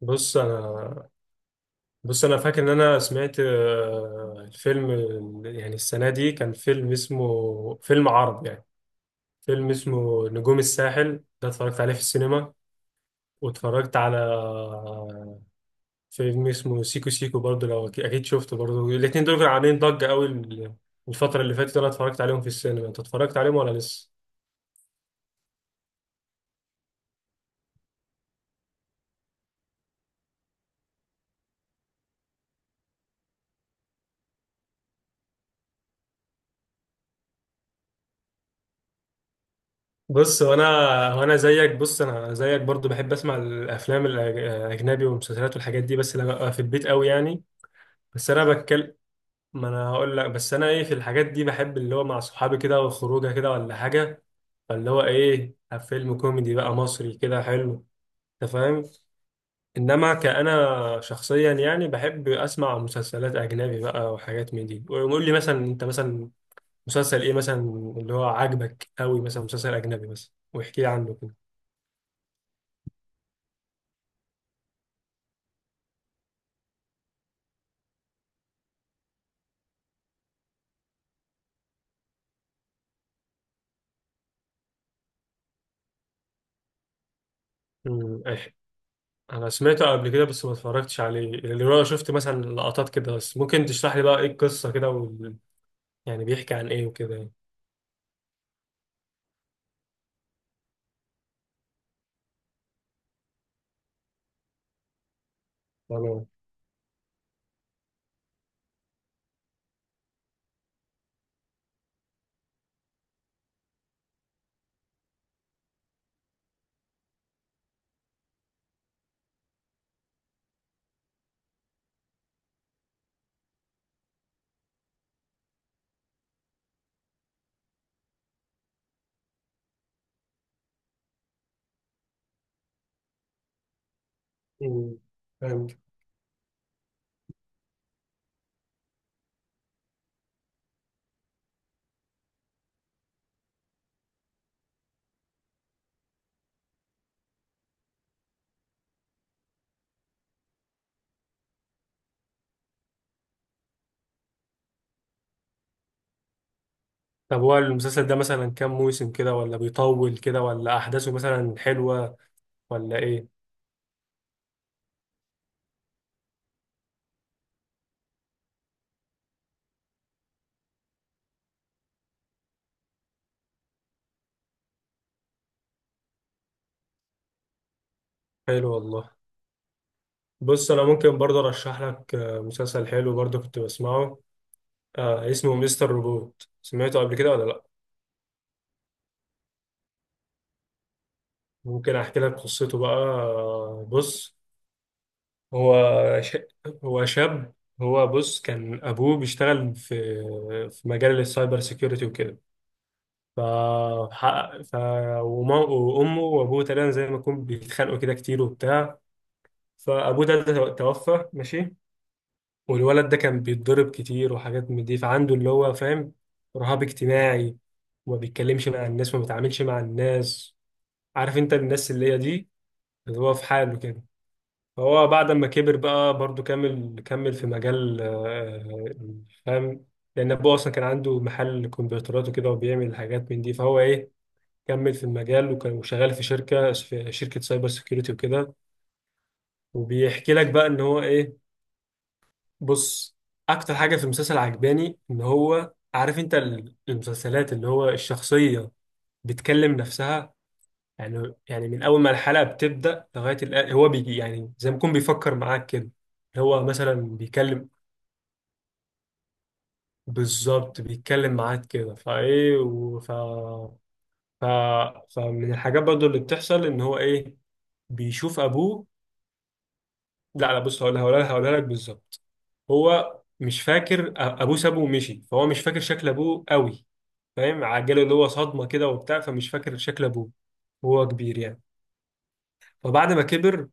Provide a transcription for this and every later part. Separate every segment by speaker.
Speaker 1: بص انا بص انا فاكر ان انا سمعت يعني السنه دي كان فيلم اسمه فيلم عربي يعني. فيلم اسمه نجوم الساحل ده اتفرجت عليه في السينما. واتفرجت على فيلم اسمه سيكو سيكو برضه. اكيد شفته برضه. الاتنين دول كانوا عاملين ضجه قوي الفتره اللي فاتت. انا اتفرجت عليهم في السينما. انت اتفرجت عليهم ولا لسه؟ بص وانا بص انا زيك برضو بحب اسمع الافلام الاجنبي والمسلسلات والحاجات دي، بس لما ابقى في البيت قوي يعني. بس انا بتكلم ما انا هقول لك، بس انا ايه، في الحاجات دي بحب اللي هو مع صحابي كده وخروجه كده ولا حاجه. فاللي هو ايه، فيلم كوميدي بقى مصري كده حلو. انت فاهم؟ انما كأنا شخصيا يعني بحب اسمع مسلسلات اجنبي بقى وحاجات من دي. ويقول لي مثلا، انت مثلا مسلسل ايه مثلا اللي هو عاجبك قوي، مثلا مسلسل اجنبي مثلا، واحكي لي عنه كده. إيه. انا سمعته قبل كده بس ما اتفرجتش عليه. اللي هو شفت مثلا لقطات كده بس. ممكن تشرح لي بقى ايه القصه كده يعني بيحكي عن ايه وكده يعني؟ تمام. مم. فهمت. طب هو المسلسل ده مثلا كام موسم كده، ولا بيطول كده، ولا احداثه مثلا حلوة ولا ايه؟ حلو والله. بص انا ممكن برضه ارشح لك مسلسل حلو برضه كنت بسمعه. اسمه مستر روبوت. سمعته قبل كده ولا لا؟ ممكن احكي لك قصته بقى. بص، هو ش... هو شاب. هو بص كان ابوه بيشتغل في مجال السايبر سيكيورتي وكده. ف... حقق- ف... وما... وأمه وأبوه تقريبا زي ما يكون بيتخانقوا كده كتير وبتاع. فأبوه ده توفى ماشي. والولد ده كان بيتضرب كتير وحاجات من دي، فعنده اللي هو فاهم، رهاب اجتماعي. وما بيتكلمش مع الناس وما بيتعاملش مع الناس. عارف انت الناس اللي هي دي، اللي هو في حاله كده. فهو بعد ما كبر بقى برضه كمل في مجال فاهم. لأن أبوه أصلا كان عنده محل كمبيوترات وكده وبيعمل حاجات من دي. فهو إيه، كمل في المجال وكان شغال في شركة في شركة سايبر سيكيورتي وكده. وبيحكي لك بقى ان هو ايه. بص، اكتر حاجة في المسلسل عجباني ان هو، عارف انت، المسلسلات اللي هو الشخصية بتكلم نفسها. يعني من اول ما الحلقة بتبدأ لغاية الآن، هو بيجي يعني زي ما يكون بيفكر معاك كده. اللي هو مثلا بيكلم، بالظبط بيتكلم معاك كده. فايه وف ف... ف فمن الحاجات برضو اللي بتحصل ان هو ايه، بيشوف ابوه. لا، لا، بص، هقولها لك بالظبط. هو مش فاكر، ابوه سابه ومشي، فهو مش فاكر شكل ابوه قوي. فاهم، عجله اللي هو صدمه كده وبتاع، فمش فاكر شكل ابوه وهو كبير يعني. فبعد ما كبر،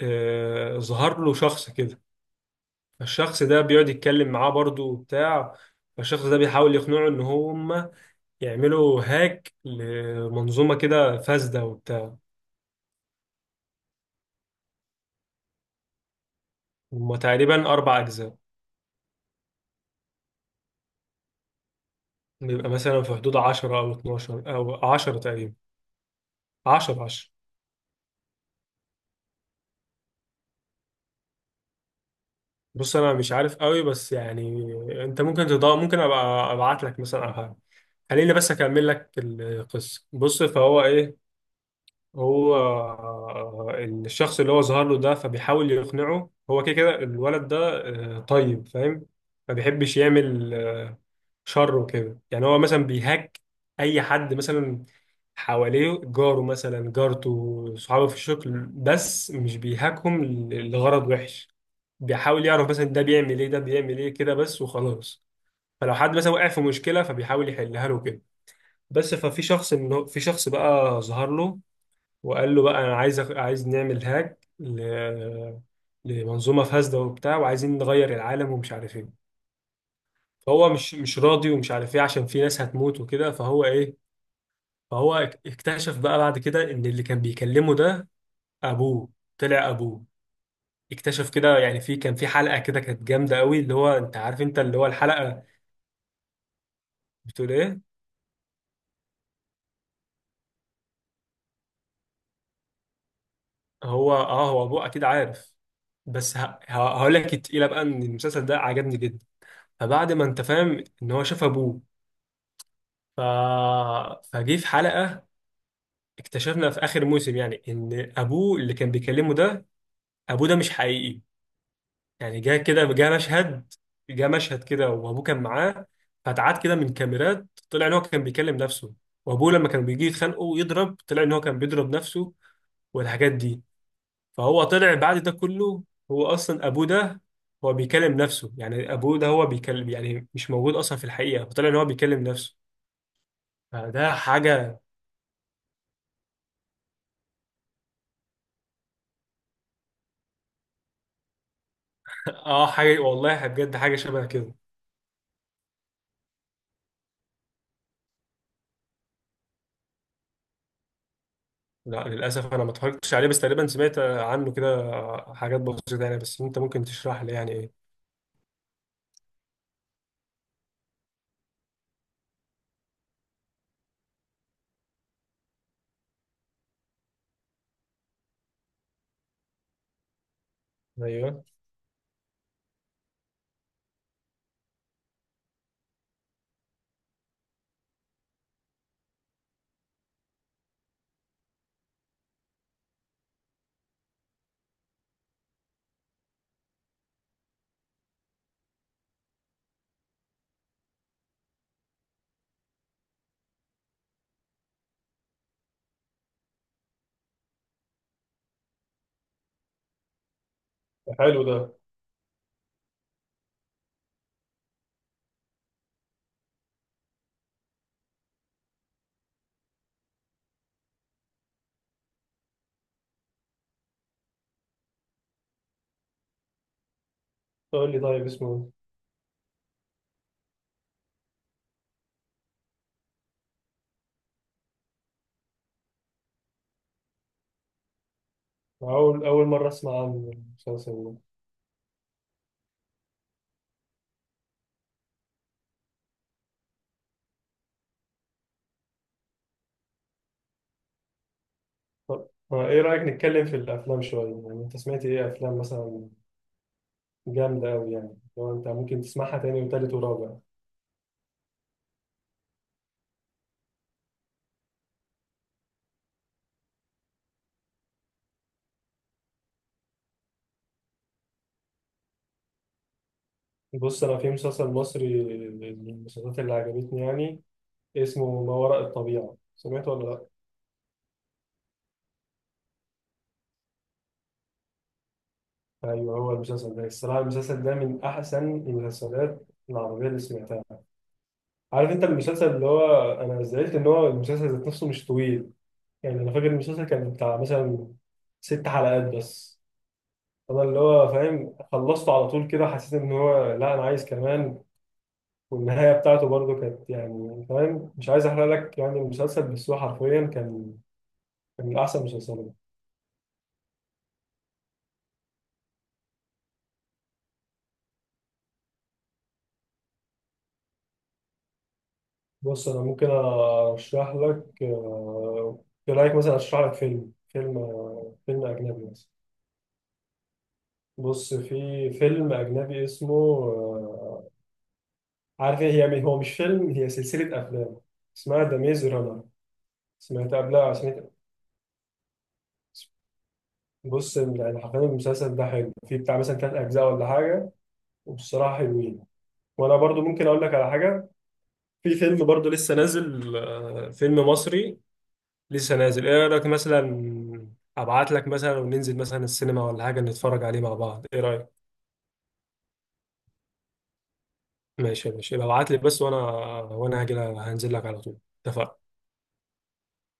Speaker 1: ظهر له شخص كده. فالشخص ده بيقعد يتكلم معاه برضه وبتاع. فالشخص ده بيحاول يقنعه ان هم يعملوا هاك لمنظومه كده فاسده وبتاع. هم تقريبا 4 اجزاء. بيبقى مثلا في حدود 10 او 12 او 10 تقريبا. 10. بص انا مش عارف قوي بس يعني، انت ممكن تضاء، ممكن ابقى ابعت لك مثلا او حاجه. خليني بس اكمل لك القصه. بص، فهو ايه، هو الشخص اللي هو ظهر له ده، فبيحاول يقنعه. هو كده كده الولد ده، طيب فاهم، ما بيحبش يعمل شر وكده يعني. هو مثلا بيهاك اي حد مثلا حواليه، جاره مثلا، جارته، صحابه في الشغل، بس مش بيهاكهم لغرض وحش. بيحاول يعرف مثلا ده بيعمل ايه، ده بيعمل ايه كده بس وخلاص. فلو حد مثلا وقع في مشكله فبيحاول يحلها له كده. بس ففي شخص، في شخص بقى ظهر له وقال له بقى، انا عايز عايز نعمل هاك لمنظومه فاسده وبتاع، وعايزين نغير العالم ومش عارف ايه. فهو مش راضي ومش عارف ايه، عشان في ناس هتموت وكده. فهو ايه، فهو اكتشف بقى بعد كده ان اللي كان بيكلمه ده، ابوه، طلع ابوه. اكتشف كده يعني. في كان في حلقه كده كانت جامده قوي، اللي هو انت عارف انت اللي هو الحلقه بتقول ايه. هو، اه، هو ابوه اكيد عارف. بس هقول لك التقيله بقى، ان المسلسل ده عجبني جدا. فبعد ما انت فاهم ان هو شاف ابوه، ف... فجه في حلقه اكتشفنا في اخر موسم يعني، ان ابوه اللي كان بيكلمه ده، ابوه ده مش حقيقي. يعني جه كده، جه مشهد كده وابوه كان معاه. فتعاد كده من كاميرات، طلع ان هو كان بيكلم نفسه. وابوه لما كان بيجي يتخانقوا ويضرب، طلع ان هو كان بيضرب نفسه والحاجات دي. فهو طلع بعد ده كله، هو اصلا ابوه ده، هو بيكلم نفسه يعني. ابوه ده هو بيكلم يعني، مش موجود اصلا في الحقيقه، فطلع ان هو بيكلم نفسه. فده حاجه. اه، حاجه والله بجد، حاجه شبه كده. لا، للاسف انا ما اتفرجتش عليه، بس تقريبا سمعت عنه كده حاجات بسيطه يعني. بس انت ممكن تشرح لي يعني ايه؟ ايوه، حلو ده. قول لي طيب اسمه ايه. اول اول مره اسمع عن المسلسل ده. طب ايه رايك نتكلم في الافلام شويه يعني. انت سمعت ايه افلام مثلا جامدة أوي، يعني لو أنت ممكن تسمعها تاني وتالت ورابع؟ بص، أنا في مسلسل مصري من المسلسلات اللي عجبتني يعني، اسمه ما وراء الطبيعة. سمعته ولا لأ؟ أيوه، هو المسلسل ده الصراحة، المسلسل ده من أحسن المسلسلات العربية اللي سمعتها. عارف أنت المسلسل اللي هو، أنا زعلت إن هو المسلسل ذات نفسه مش طويل. يعني أنا فاكر المسلسل كان بتاع مثلا 6 حلقات بس. أنا اللي هو فاهم، خلصته على طول كده، حسيت إن هو، لا أنا عايز كمان. والنهاية بتاعته برضه كانت يعني فاهم، مش عايز أحرق لك يعني المسلسل، بس هو حرفيا كان من أحسن المسلسلات. بص، أنا ممكن أرشح لك إيه رأيك مثلا أرشح لك فيلم، فيلم أجنبي مثلا. بص، في فيلم أجنبي اسمه عارف إيه، هي هو مش فيلم، هي سلسلة أفلام اسمها ذا ميز رانر. سمعت قبلها؟ سمعت؟ بص يعني حرفيا، المسلسل ده حلو، فيه بتاع مثلا 3 أجزاء ولا حاجة، وبصراحة حلوين. وأنا برضو ممكن أقول لك على حاجة. في فيلم برضه لسه نازل، فيلم مصري لسه نازل. ايه رأيك مثلا ابعت لك مثلا وننزل مثلا السينما ولا حاجة، نتفرج عليه مع بعض؟ ايه رأيك؟ ماشي، ماشي، ابعت لي بس وانا، هاجي، هنزل لك على طول. اتفقنا؟